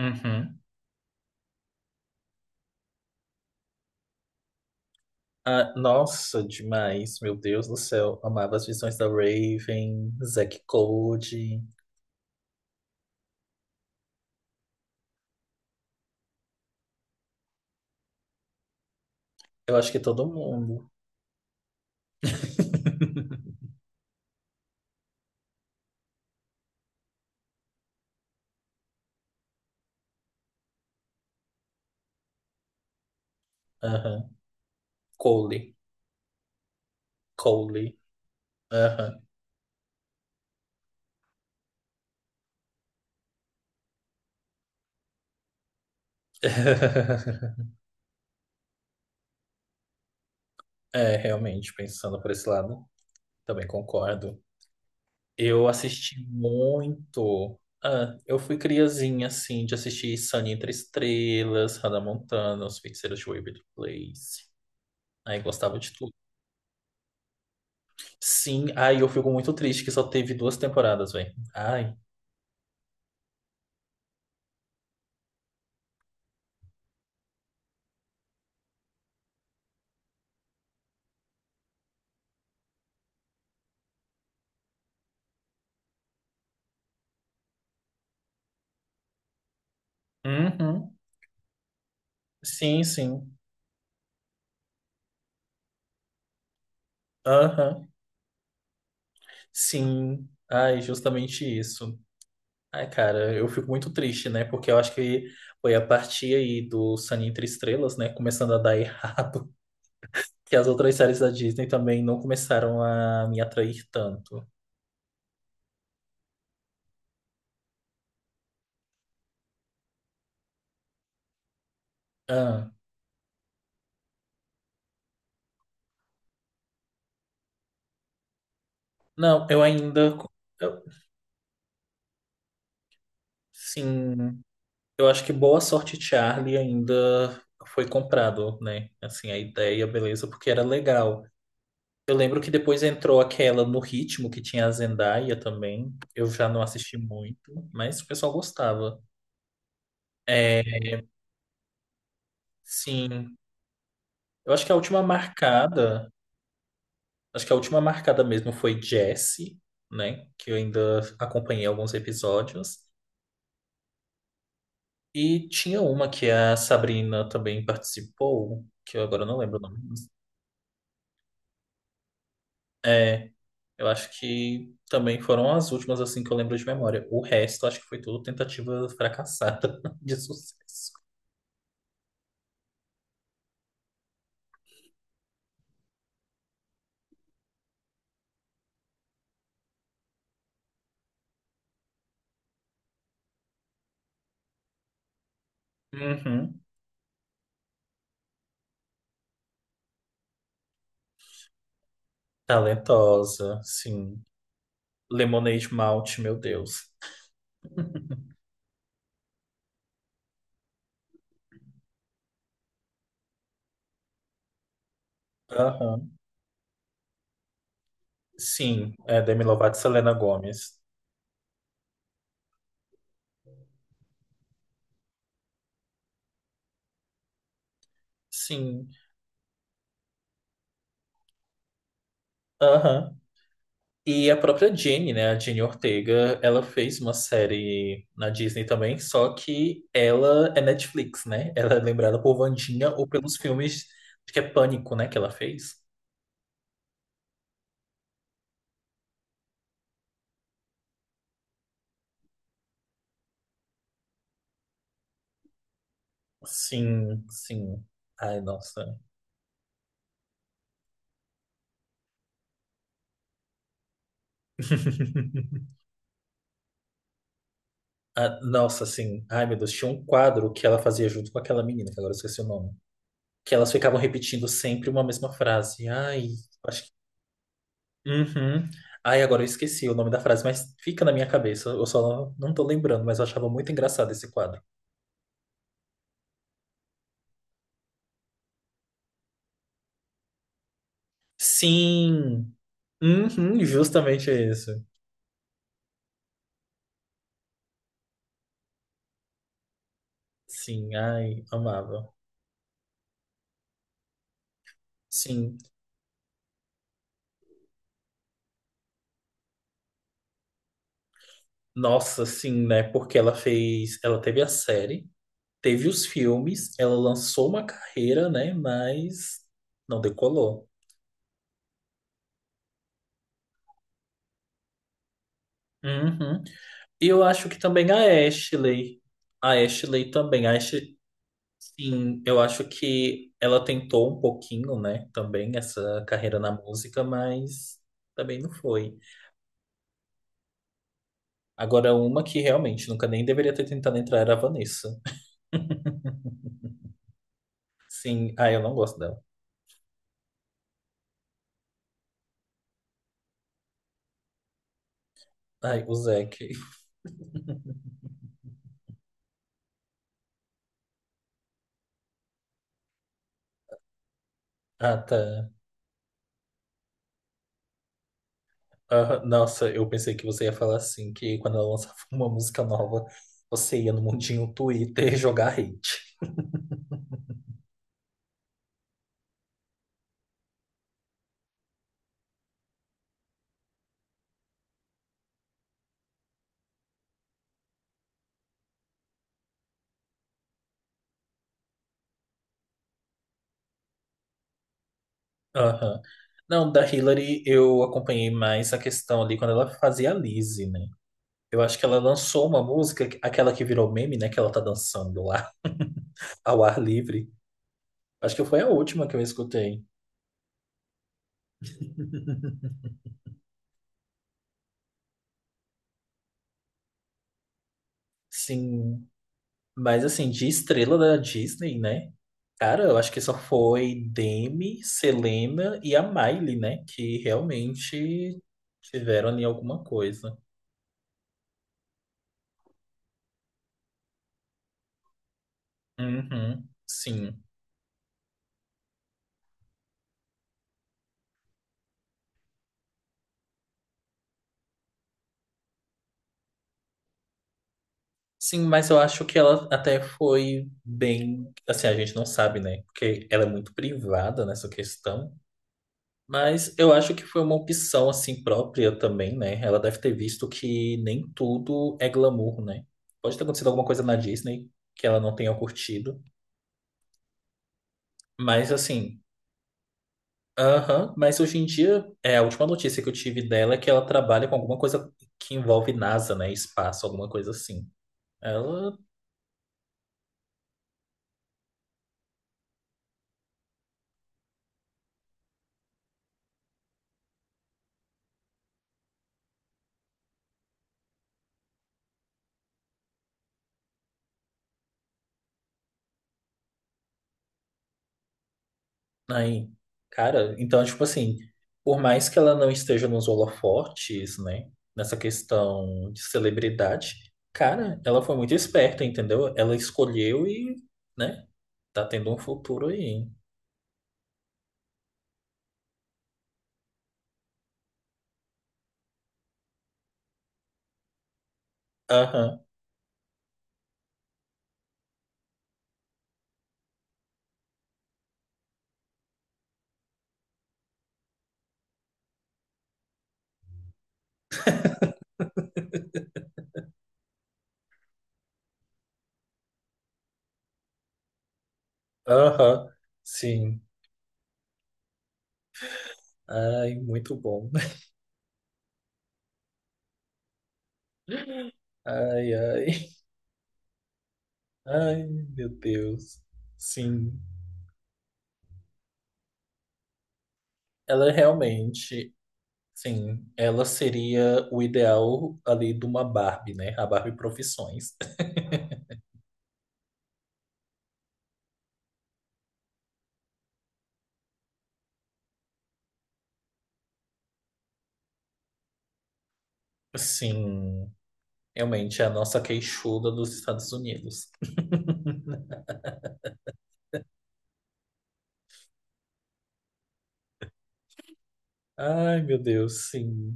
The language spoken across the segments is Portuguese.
Uhum. Ah, nossa, demais, meu Deus do céu. Amava As Visões da Raven, Zack Cody. Eu acho que todo mundo. Aham. Cole. Cole. Aham. É, realmente, pensando por esse lado, também concordo. Eu assisti muito. Ah, eu fui criazinha, assim, de assistir Sunny Entre Estrelas, Hannah Montana, Os Feiticeiros de Waverly Place. Aí gostava de tudo. Sim, ai, eu fico muito triste que só teve duas temporadas, velho. Ai. Uhum. Sim, sim. Aham. Sim. Ai, justamente isso. Ai, cara, eu fico muito triste, né? Porque eu acho que foi a partir aí do Sunny Entre Estrelas, né? Começando a dar errado. Que as outras séries da Disney também não começaram a me atrair tanto. Ah. Não, eu ainda. eu- Sim. Eu acho que Boa Sorte Charlie ainda foi comprado, né? Assim, a ideia, beleza, porque era legal. Eu lembro que depois entrou aquela No Ritmo, que tinha a Zendaya também. Eu já não assisti muito, mas o pessoal gostava. É, sim. Eu acho que a última marcada, acho que a última marcada mesmo foi Jessie, né? Que eu ainda acompanhei alguns episódios. E tinha uma que a Sabrina também participou, que eu agora não lembro o nome. Eu acho que também foram as últimas assim que eu lembro de memória. O resto, acho que foi tudo tentativa fracassada de sucesso. Uhum. Talentosa, sim. Lemonade Mouth, meu Deus. Aham. Sim, é Demi Lovato e Selena Gomez. Sim. Aham. E a própria Jenny, né? A Jenny Ortega, ela fez uma série na Disney também, só que ela é Netflix, né? Ela é lembrada por Wandinha ou pelos filmes, acho que é Pânico, né? Que ela fez. Sim, sim. Ai, nossa. Ah, nossa, sim. Ai, meu Deus, tinha um quadro que ela fazia junto com aquela menina, que agora eu esqueci o nome. Que elas ficavam repetindo sempre uma mesma frase. Ai, acho que. Uhum. Ai, agora eu esqueci o nome da frase, mas fica na minha cabeça. Eu só não tô lembrando, mas eu achava muito engraçado esse quadro. Sim. Uhum, justamente isso. Sim, ai, amava. Sim, nossa, sim, né? Porque ela fez, ela teve a série, teve os filmes, ela lançou uma carreira, né? Mas não decolou. Uhum. E eu acho que também a Ashley também, a Ashley, sim, eu acho que ela tentou um pouquinho, né? Também essa carreira na música, mas também não foi. Agora, uma que realmente nunca nem deveria ter tentado entrar era a Vanessa. Sim, ah, eu não gosto dela. Ai, o Zac. Ah, tá. Ah, nossa, eu pensei que você ia falar assim, que quando ela lançava uma música nova, você ia no mundinho Twitter jogar hate. Aham. Não, da Hillary eu acompanhei mais a questão ali quando ela fazia a Lizzie, né? Eu acho que ela lançou uma música, aquela que virou meme, né? Que ela tá dançando lá, ao ar livre. Acho que foi a última que eu escutei. Sim, mas assim, de estrela da Disney, né? Cara, eu acho que só foi Demi, Selena e a Miley, né? Que realmente tiveram ali alguma coisa. Uhum, sim. Sim, mas eu acho que ela até foi bem. Assim, a gente não sabe, né? Porque ela é muito privada nessa questão. Mas eu acho que foi uma opção, assim, própria também, né? Ela deve ter visto que nem tudo é glamour, né? Pode ter acontecido alguma coisa na Disney que ela não tenha curtido. Mas, assim. Aham, mas hoje em dia, é, a última notícia que eu tive dela é que ela trabalha com alguma coisa que envolve NASA, né? Espaço, alguma coisa assim. Ela, aí, cara, então, tipo assim, por mais que ela não esteja nos holofotes, né? Nessa questão de celebridade, cara, ela foi muito esperta, entendeu? Ela escolheu e, né? Tá tendo um futuro aí, hein? Aham, aham, sim. Ai, muito bom. Ai, ai. Ai, meu Deus. Sim. Ela é realmente, sim, ela seria o ideal ali de uma Barbie, né? A Barbie Profissões. Sim, realmente é a nossa queixuda dos Estados Unidos. Ai, meu Deus, sim.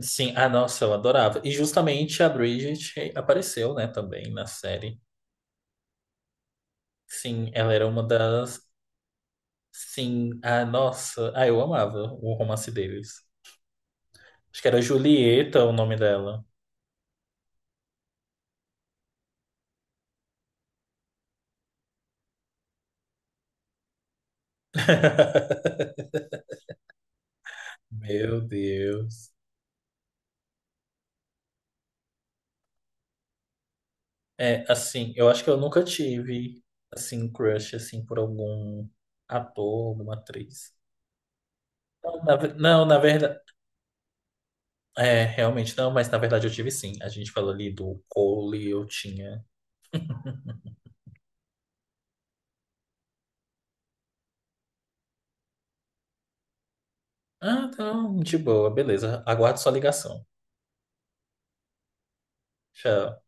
Sim, ah, nossa, eu adorava. E justamente a Bridget apareceu, né, também na série. Sim, ela era uma das. Sim, ah, nossa, ah, eu amava o romance deles. Acho que era Julieta o nome dela. Meu Deus. É, assim, eu acho que eu nunca tive, assim, um crush, assim, por algum ator, alguma atriz. Não, na, não, na verdade... É, realmente não, mas na verdade eu tive sim. A gente falou ali do Cole, eu tinha... Ah, então, de boa, beleza. Aguardo sua ligação. Tchau.